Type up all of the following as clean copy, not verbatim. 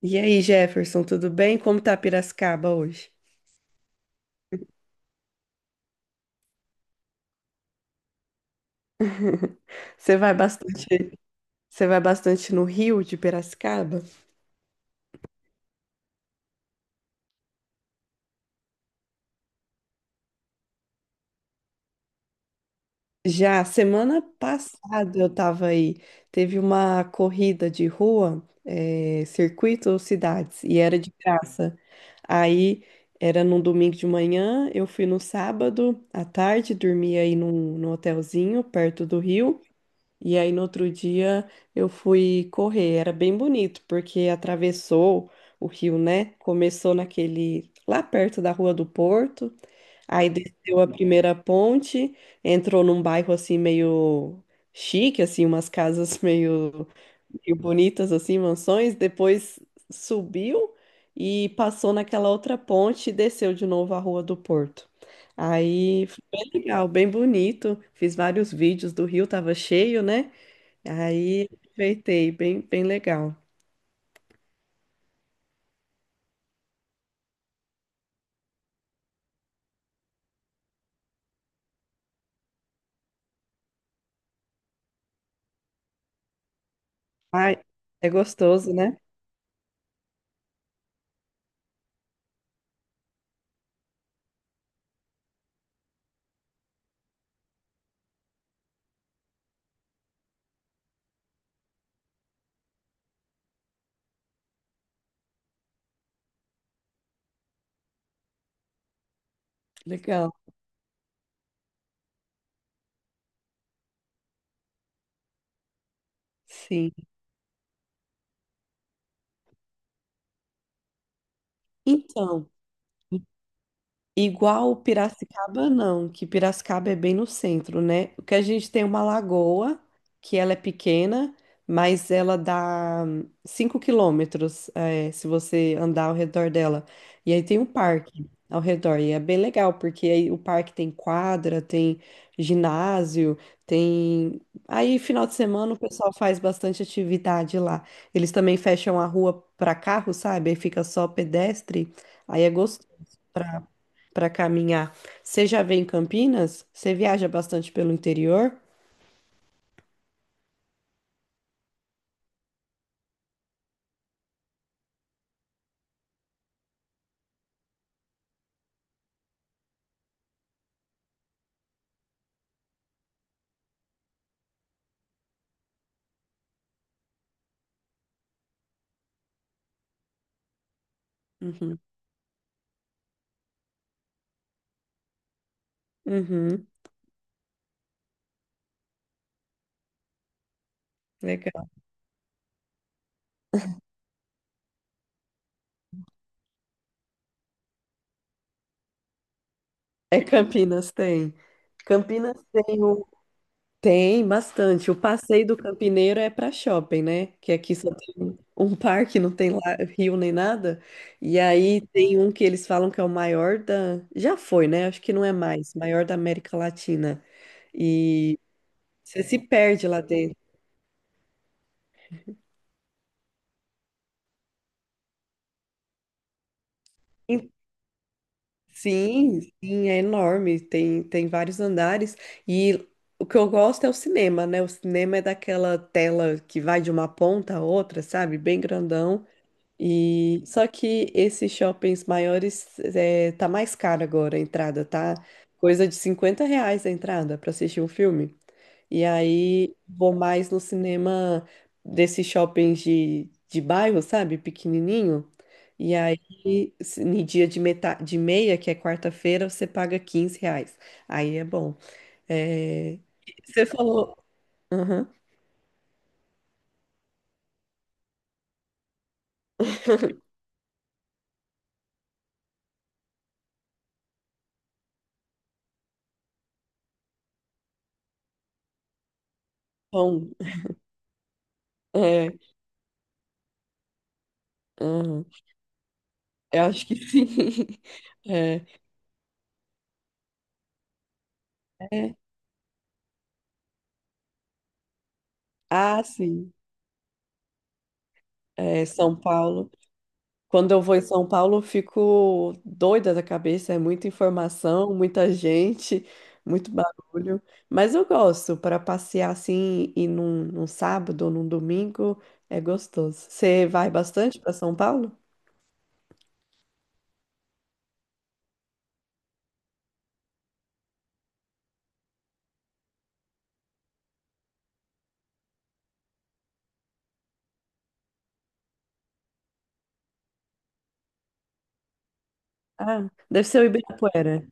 E aí, Jefferson, tudo bem? Como tá Piracicaba hoje? Você vai bastante, você vai bastante no Rio de Piracicaba? Já semana passada eu tava aí, teve uma corrida de rua, circuito cidades, e era de graça. Aí era num domingo de manhã, eu fui no sábado à tarde, dormi aí num hotelzinho perto do Rio. E aí no outro dia eu fui correr, era bem bonito, porque atravessou o rio, né? Começou naquele lá perto da Rua do Porto, aí desceu a primeira ponte, entrou num bairro assim meio chique, assim, umas casas meio bonitas assim, mansões, depois subiu e passou naquela outra ponte e desceu de novo a Rua do Porto. Aí foi bem legal, bem bonito. Fiz vários vídeos do rio, tava cheio, né? Aí aproveitei, bem legal. Ai, é gostoso, né? Legal. Sim. Então. Igual Piracicaba, não, que Piracicaba é bem no centro, né? O que a gente tem é uma lagoa, que ela é pequena, mas ela dá 5 km, se você andar ao redor dela. E aí tem um parque ao redor, e é bem legal, porque aí o parque tem quadra, tem ginásio, tem. Aí, final de semana, o pessoal faz bastante atividade lá. Eles também fecham a rua para carro, sabe? Aí fica só pedestre, aí é gostoso para caminhar. Você já veio em Campinas? Você viaja bastante pelo interior? Uhum. Uhum. Legal. É Campinas, tem. Campinas tem o... Tem bastante. O passeio do campineiro é para shopping, né? Que aqui só tem um parque, não tem lá rio nem nada. E aí tem um que eles falam que é o maior da... Já foi, né? Acho que não é mais. Maior da América Latina. E você se perde lá dentro. Sim, sim, é enorme, tem vários andares e o que eu gosto é o cinema, né? O cinema é daquela tela que vai de uma ponta a outra, sabe? Bem grandão. E só que esses shoppings maiores é, tá mais caro agora a entrada, tá? Coisa de R$ 50 a entrada para assistir um filme. E aí vou mais no cinema desses shoppings de bairro, sabe? Pequenininho. E aí, no dia de meia, que é quarta-feira, você paga R$ 15. Aí é bom. É, Você falou. Aham. Bom, é, aham. Eu acho que sim. É, é. Ah, sim. É, São Paulo. Quando eu vou em São Paulo, eu fico doida da cabeça, é muita informação, muita gente, muito barulho. Mas eu gosto, para passear assim, e num sábado ou num domingo, é gostoso. Você vai bastante para São Paulo? Ah, deve ser o Ibirapuera.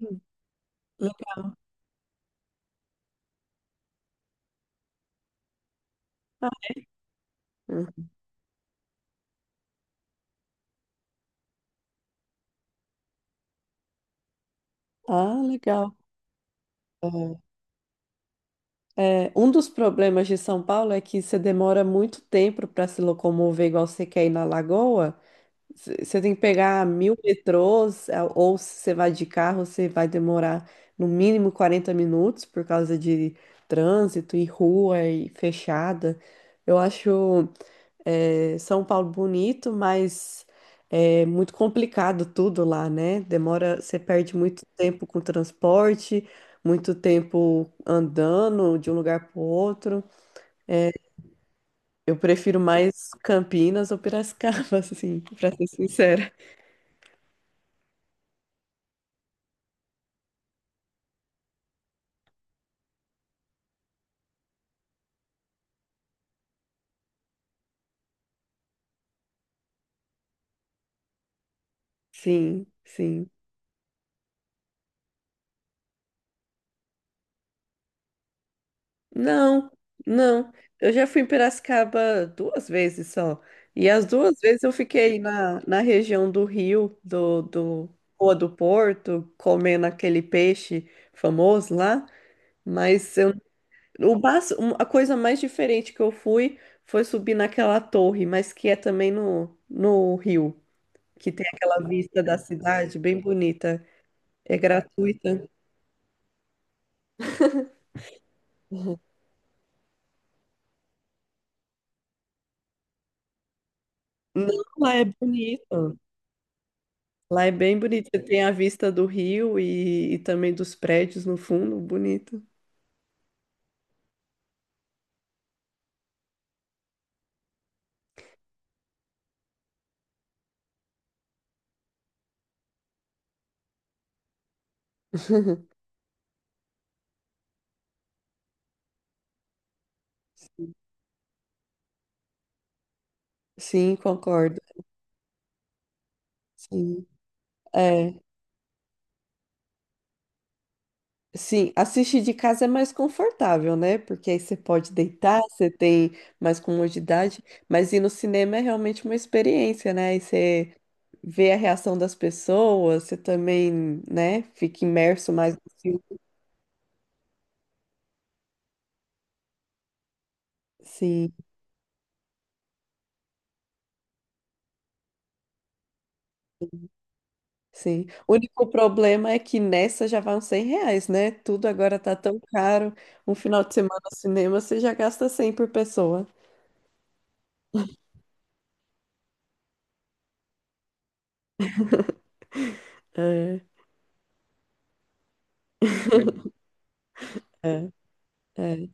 Hum, Legal. Hum. Ah, legal. É, é, um dos problemas de São Paulo é que você demora muito tempo para se locomover igual você quer ir na Lagoa. Você tem que pegar mil metrôs, ou se você vai de carro, você vai demorar no mínimo 40 minutos por causa de trânsito e rua e fechada. Eu acho São Paulo bonito, mas é muito complicado tudo lá, né? Demora, você perde muito tempo com transporte, muito tempo andando de um lugar para outro. Eu prefiro mais Campinas ou Piracicaba, assim, para ser sincera. Sim, sim. Não, não. Eu já fui em Piracicaba duas vezes só. E as duas vezes eu fiquei na região do Rio, do Rua do Porto, comendo aquele peixe famoso lá. Mas eu, o bas- um- A coisa mais diferente que eu fui foi subir naquela torre, mas que é também no Rio, que tem aquela vista da cidade bem bonita. É gratuita. Não, lá é bonito. Lá é bem bonito. Você tem a vista do rio e também dos prédios no fundo, bonito. Sim, concordo. Sim, é. Sim, assistir de casa é mais confortável, né? Porque aí você pode deitar, você tem mais comodidade, mas ir no cinema é realmente uma experiência, né? E você vê a reação das pessoas, você também, né, fica imerso mais no filme. Sim. Sim. O único problema é que nessa já vão R$ 100, né? Tudo agora tá tão caro. Um final de semana no cinema você já gasta 100 por pessoa. É, é, é,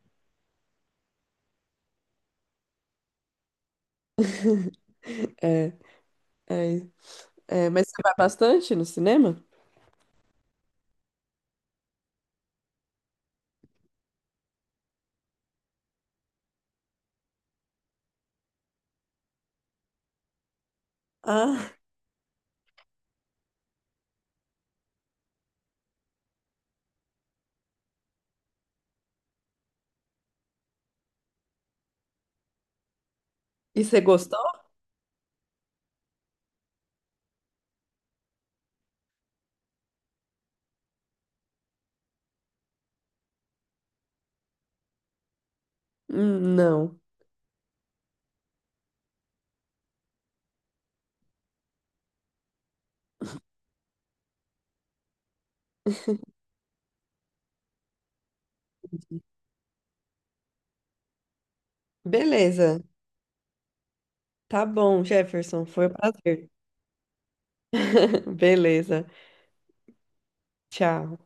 é, é. É, mas você vai bastante no cinema? Ah, e você gostou? Não. Beleza. Tá bom, Jefferson. Foi um prazer. Beleza. Tchau.